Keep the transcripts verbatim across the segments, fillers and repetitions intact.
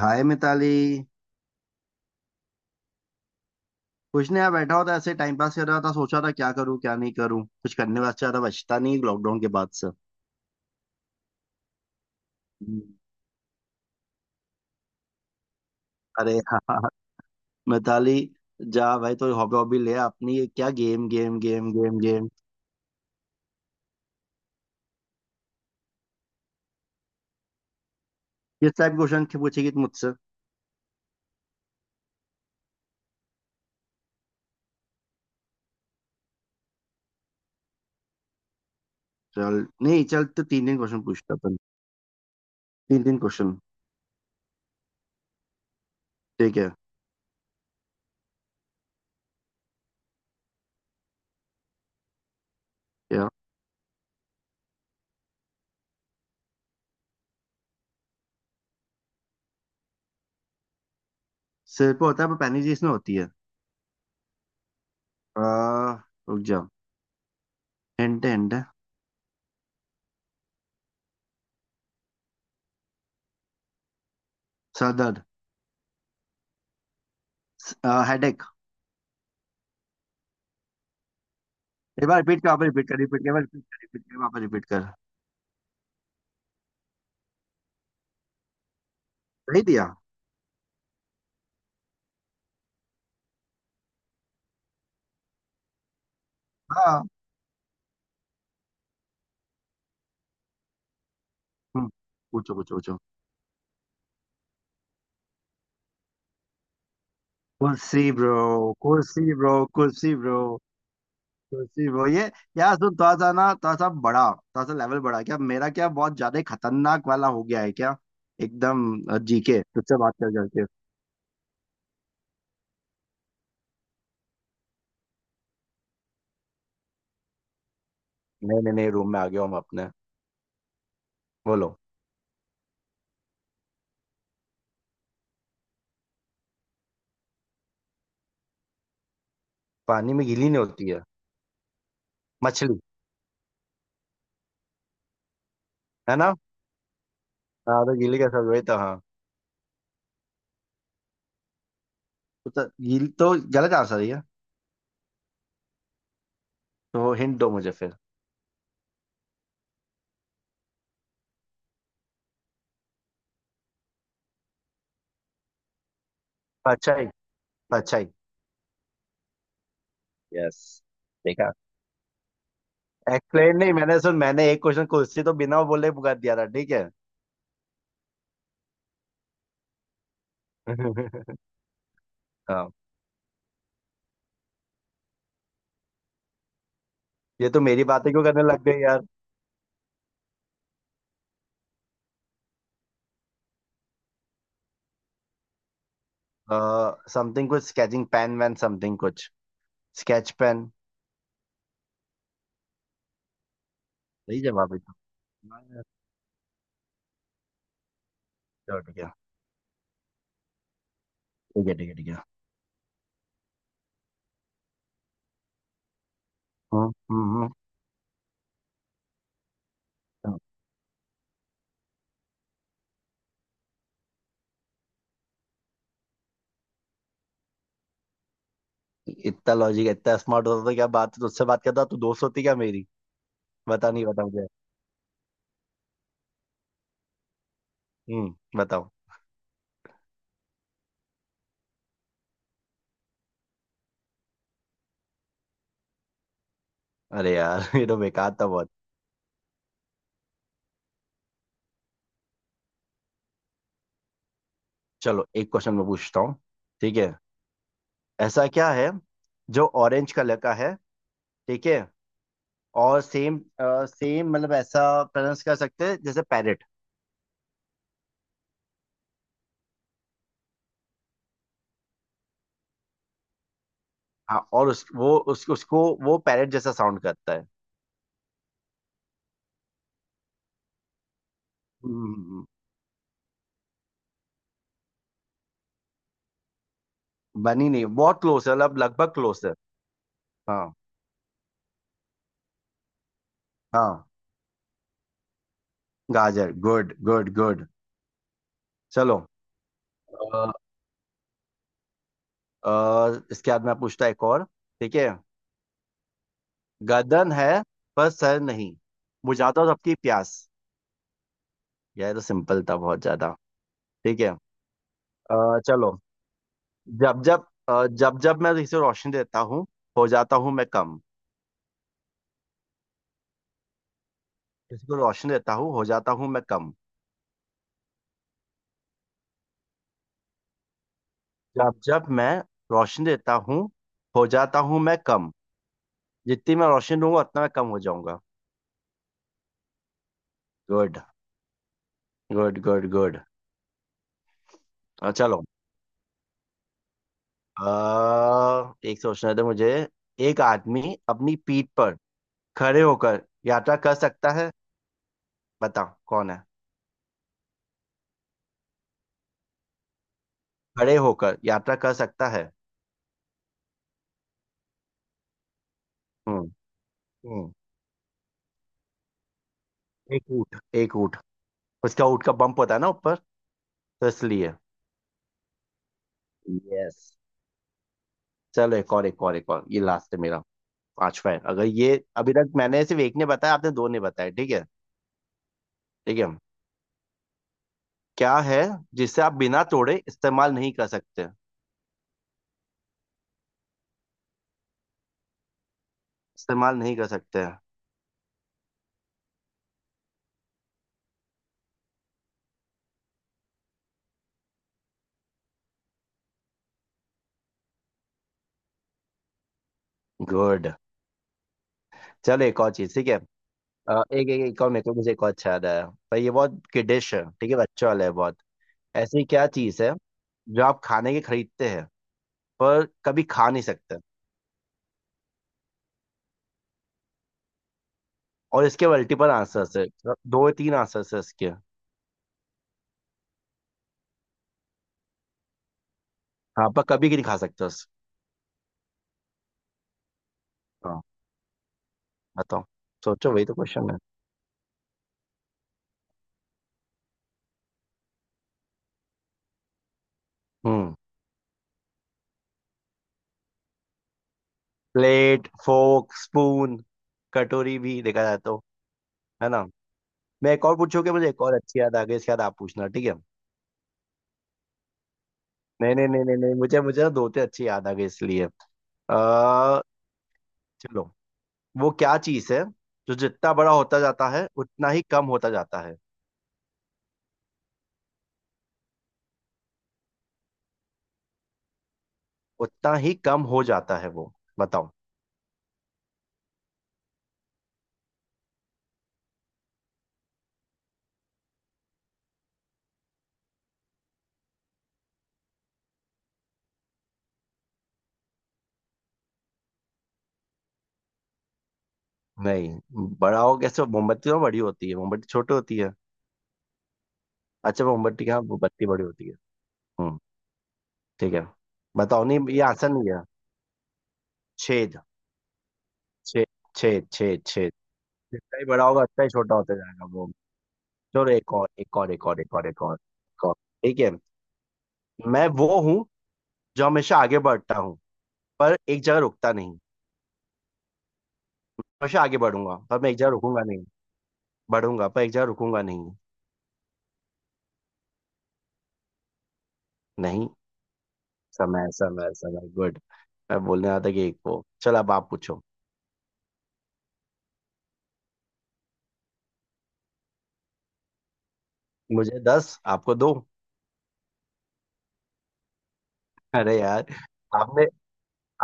हाय मिताली। कुछ नहीं यार, बैठा होता ऐसे टाइम पास कर रहा था। सोचा था क्या करूं क्या नहीं करूं, कुछ करने वास्ते ज्यादा बचता नहीं लॉकडाउन के बाद से। हम्म। अरे हाँ मिताली, जा भाई तो हॉबी हॉबी ले अपनी, ये क्या game game game game game. किस टाइप क्वेश्चन पूछेगी तू मुझसे? चल नहीं, चल तो तीन तीन क्वेश्चन पूछता अपन। तीन तीन क्वेश्चन। ठीक है। क्या? सिर पे होता है पर पैनी इसमें होती है। आ, रुक जा। हिंट हिंट है। सर दर्द। हेडेक। एक बार रिपीट कर, वापस रिपीट कर, रिपीट कर, रिपीट कर, रिपीट कर, वापस रिपीट कर। नहीं दिया। हाँ। हम्म, पूछो पूछो पूछो। कुर्सी ब्रो, कुर्सी ब्रो, कुर्सी ब्रो, कुर्सी ब्रो ये। यार सुन, थोड़ा सा ना, थोड़ा सा बड़ा, थोड़ा सा लेवल बड़ा, क्या मेरा क्या बहुत ज्यादा ही खतरनाक वाला हो गया है क्या? एकदम। जीके तुझसे बात कर करके। नहीं नहीं नहीं, रूम में आ गया हूँ मैं अपने। बोलो। पानी में गीली नहीं होती है मछली? है ना। हाँ तो गीली कैसे हुई? तो हाँ। तो, तो गीली तो गलत आंसर है ये। तो हिंट दो मुझे फिर। परछाई। परछाई। यस। देखा। एक्सप्लेन नहीं, मैंने सुन, मैंने एक क्वेश्चन खुद से तो बिना बोले पुकार दिया था, ठीक है? हाँ, ये तो मेरी बातें क्यों करने लग गई यार। समथिंग कुछ स्केचिंग पेन वैन समथिंग कुछ। Sketch pen. सही जवाब है तो। चलो ठीक है। ठीक है ठीक है ठीक है। हम्म हम्म। हम्म। इतना लॉजिक इतना स्मार्ट होता तो क्या बात तुझसे बात करता, तू दोस्त होती क्या मेरी? बता, नहीं बता मुझे। हम्म बताओ। अरे यार, ये तो बेकार था बहुत। चलो, एक क्वेश्चन मैं पूछता हूँ। ठीक है। ऐसा क्या है जो ऑरेंज कलर का है? ठीक है। और सेम सेम मतलब ऐसा प्रोनाउंस कर सकते हैं जैसे पैरेट। हाँ, और उस वो उस, उसको वो पैरेट जैसा साउंड करता है। हम्म, बनी नहीं, बहुत क्लोज है, मतलब लगभग क्लोज है। हाँ। हाँ। गाजर, गुड गुड गुड। चलो। अ, अ, इसके बाद मैं पूछता एक और। ठीक है। गर्दन है पर सर नहीं, बुझाता हूँ सबकी प्यास। यार ये तो सिंपल था बहुत ज्यादा। ठीक है। अ, चलो। जब जब अ, जब जब मैं इसे रोशनी देता हूँ हो जाता हूँ मैं कम। किसी को रोशनी देता हूँ हो जाता हूँ मैं कम। जब जब मैं रोशनी देता हूँ हो जाता हूँ मैं कम। जितनी मैं रोशनी दूंगा उतना मैं कम हो जाऊंगा। Good good good good. चलो। आ, एक सोचना था मुझे। एक आदमी अपनी पीठ पर खड़े होकर यात्रा कर सकता है, बताओ कौन है? खड़े होकर यात्रा कर सकता है। हम्म हम्म। एक ऊँट, एक ऊँट। उसका ऊँट का बम्प होता है ना ऊपर, तो इसलिए। यस। चलो, एक और एक और एक और, ये लास्ट है मेरा। पांच में अगर ये, अभी तक मैंने सिर्फ एक ने बताया, आपने दो ने बताया, ठीक है। ठीक है। क्या है जिसे आप बिना तोड़े इस्तेमाल नहीं कर सकते? इस्तेमाल नहीं कर सकते। गुड। चलो, एक और चीज, ठीक है। अ, एक एक एक और मेरे को मुझे एक और अच्छा याद आया। पर ये बहुत किडिश है, ठीक है, बच्चों वाला है बहुत। ऐसी क्या चीज है जो आप खाने के खरीदते हैं पर कभी खा नहीं सकते? और इसके मल्टीपल आंसर्स है। दो तीन आंसर्स है इसके। हाँ पर कभी नहीं खा सकते उस। हाँ। बताओ। सोचो, वही तो क्वेश्चन है। हम्म। प्लेट, फोर्क, स्पून, कटोरी भी देखा जाए तो। है ना। मैं एक और पूछूंगा, मुझे एक और अच्छी याद आ गई, इसके बाद आप पूछना, ठीक है? नहीं नहीं नहीं नहीं नहीं, मुझे मुझे ना दो तीन अच्छी याद आ गई इसलिए। आ, चलो। वो क्या चीज है जो जितना बड़ा होता जाता है उतना ही कम होता जाता है? उतना ही कम हो जाता है वो, बताओ। नहीं, बड़ा हो कैसे? मोमबत्ती तो बड़ी होती है, मोमबत्ती छोटी होती है। अच्छा मोमबत्ती, हाँ मोमबत्ती बड़ी होती है। हम्म, ठीक है। बताओ नहीं, ये आसान नहीं है। छेद। छेद। छेद छेद छेद। जितना ही बड़ा होगा उतना ही छोटा होता जाएगा वो। चलो, एक और एक और एक और एक और एक और एक और। ठीक है। मैं वो हूँ जो हमेशा आगे बढ़ता हूँ पर एक जगह रुकता नहीं। हमेशा आगे बढ़ूंगा पर मैं एक जगह रुकूंगा नहीं। बढ़ूंगा पर एक जगह रुकूंगा नहीं। नहीं। समय समय समय, गुड। मैं बोलने आता कि एक वो, चलो अब आप पूछो। मुझे दस, आपको दो। अरे यार। आपने।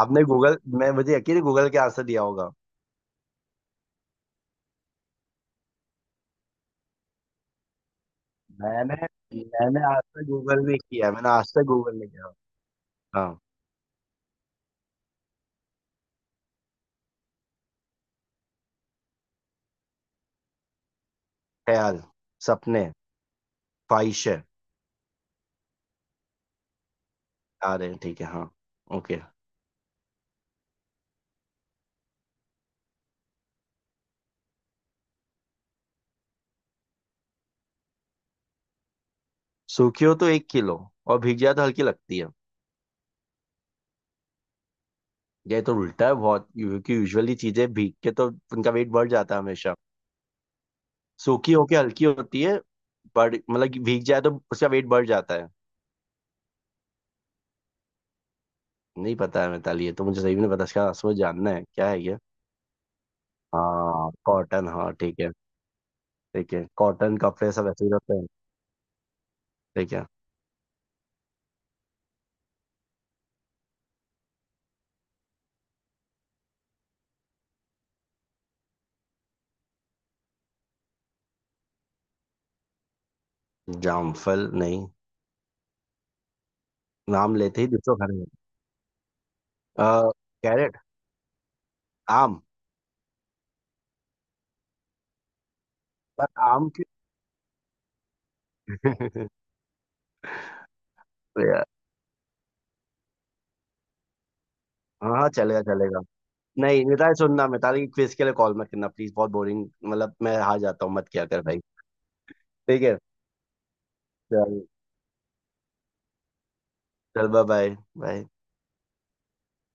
आपने गूगल, मैं मुझे यकीन है गूगल के आंसर दिया होगा। मैंने मैंने आज तक गूगल नहीं किया, मैंने आज तक गूगल नहीं किया। हाँ। ख्याल, सपने, ख्वाहिशें। आ रहे हैं, ठीक है हाँ। ओके। सूखी हो तो एक किलो और भीग जाए तो हल्की लगती है। ये तो उल्टा है बहुत, क्योंकि यूजुअली चीजें भीग के तो उनका वेट बढ़ जाता है हमेशा। सूखी होके हल्की होती है। बढ़, मतलब कि भीग जाए तो उसका वेट बढ़ जाता है। नहीं पता है मिताली, ये तो मुझे सही में नहीं पता, इसका असर जानना है क्या है ये। हाँ कॉटन, हाँ ठीक है। ठीक है, कॉटन कपड़े सब ऐसे ही होते हैं। ठीक है। जामफल नहीं। नाम लेते ही दूसरों घर में। आ, कैरेट, आम। पर आम। तो यार। हाँ हाँ, चलेगा चलेगा। नहीं मिताली, सुनना मिताली, क्विज के लिए कॉल मत करना प्लीज, बहुत बोरिंग, मतलब मैं हार जाता हूँ, मत किया कर भाई। ठीक है। चल। चल बाय बाय। बाय।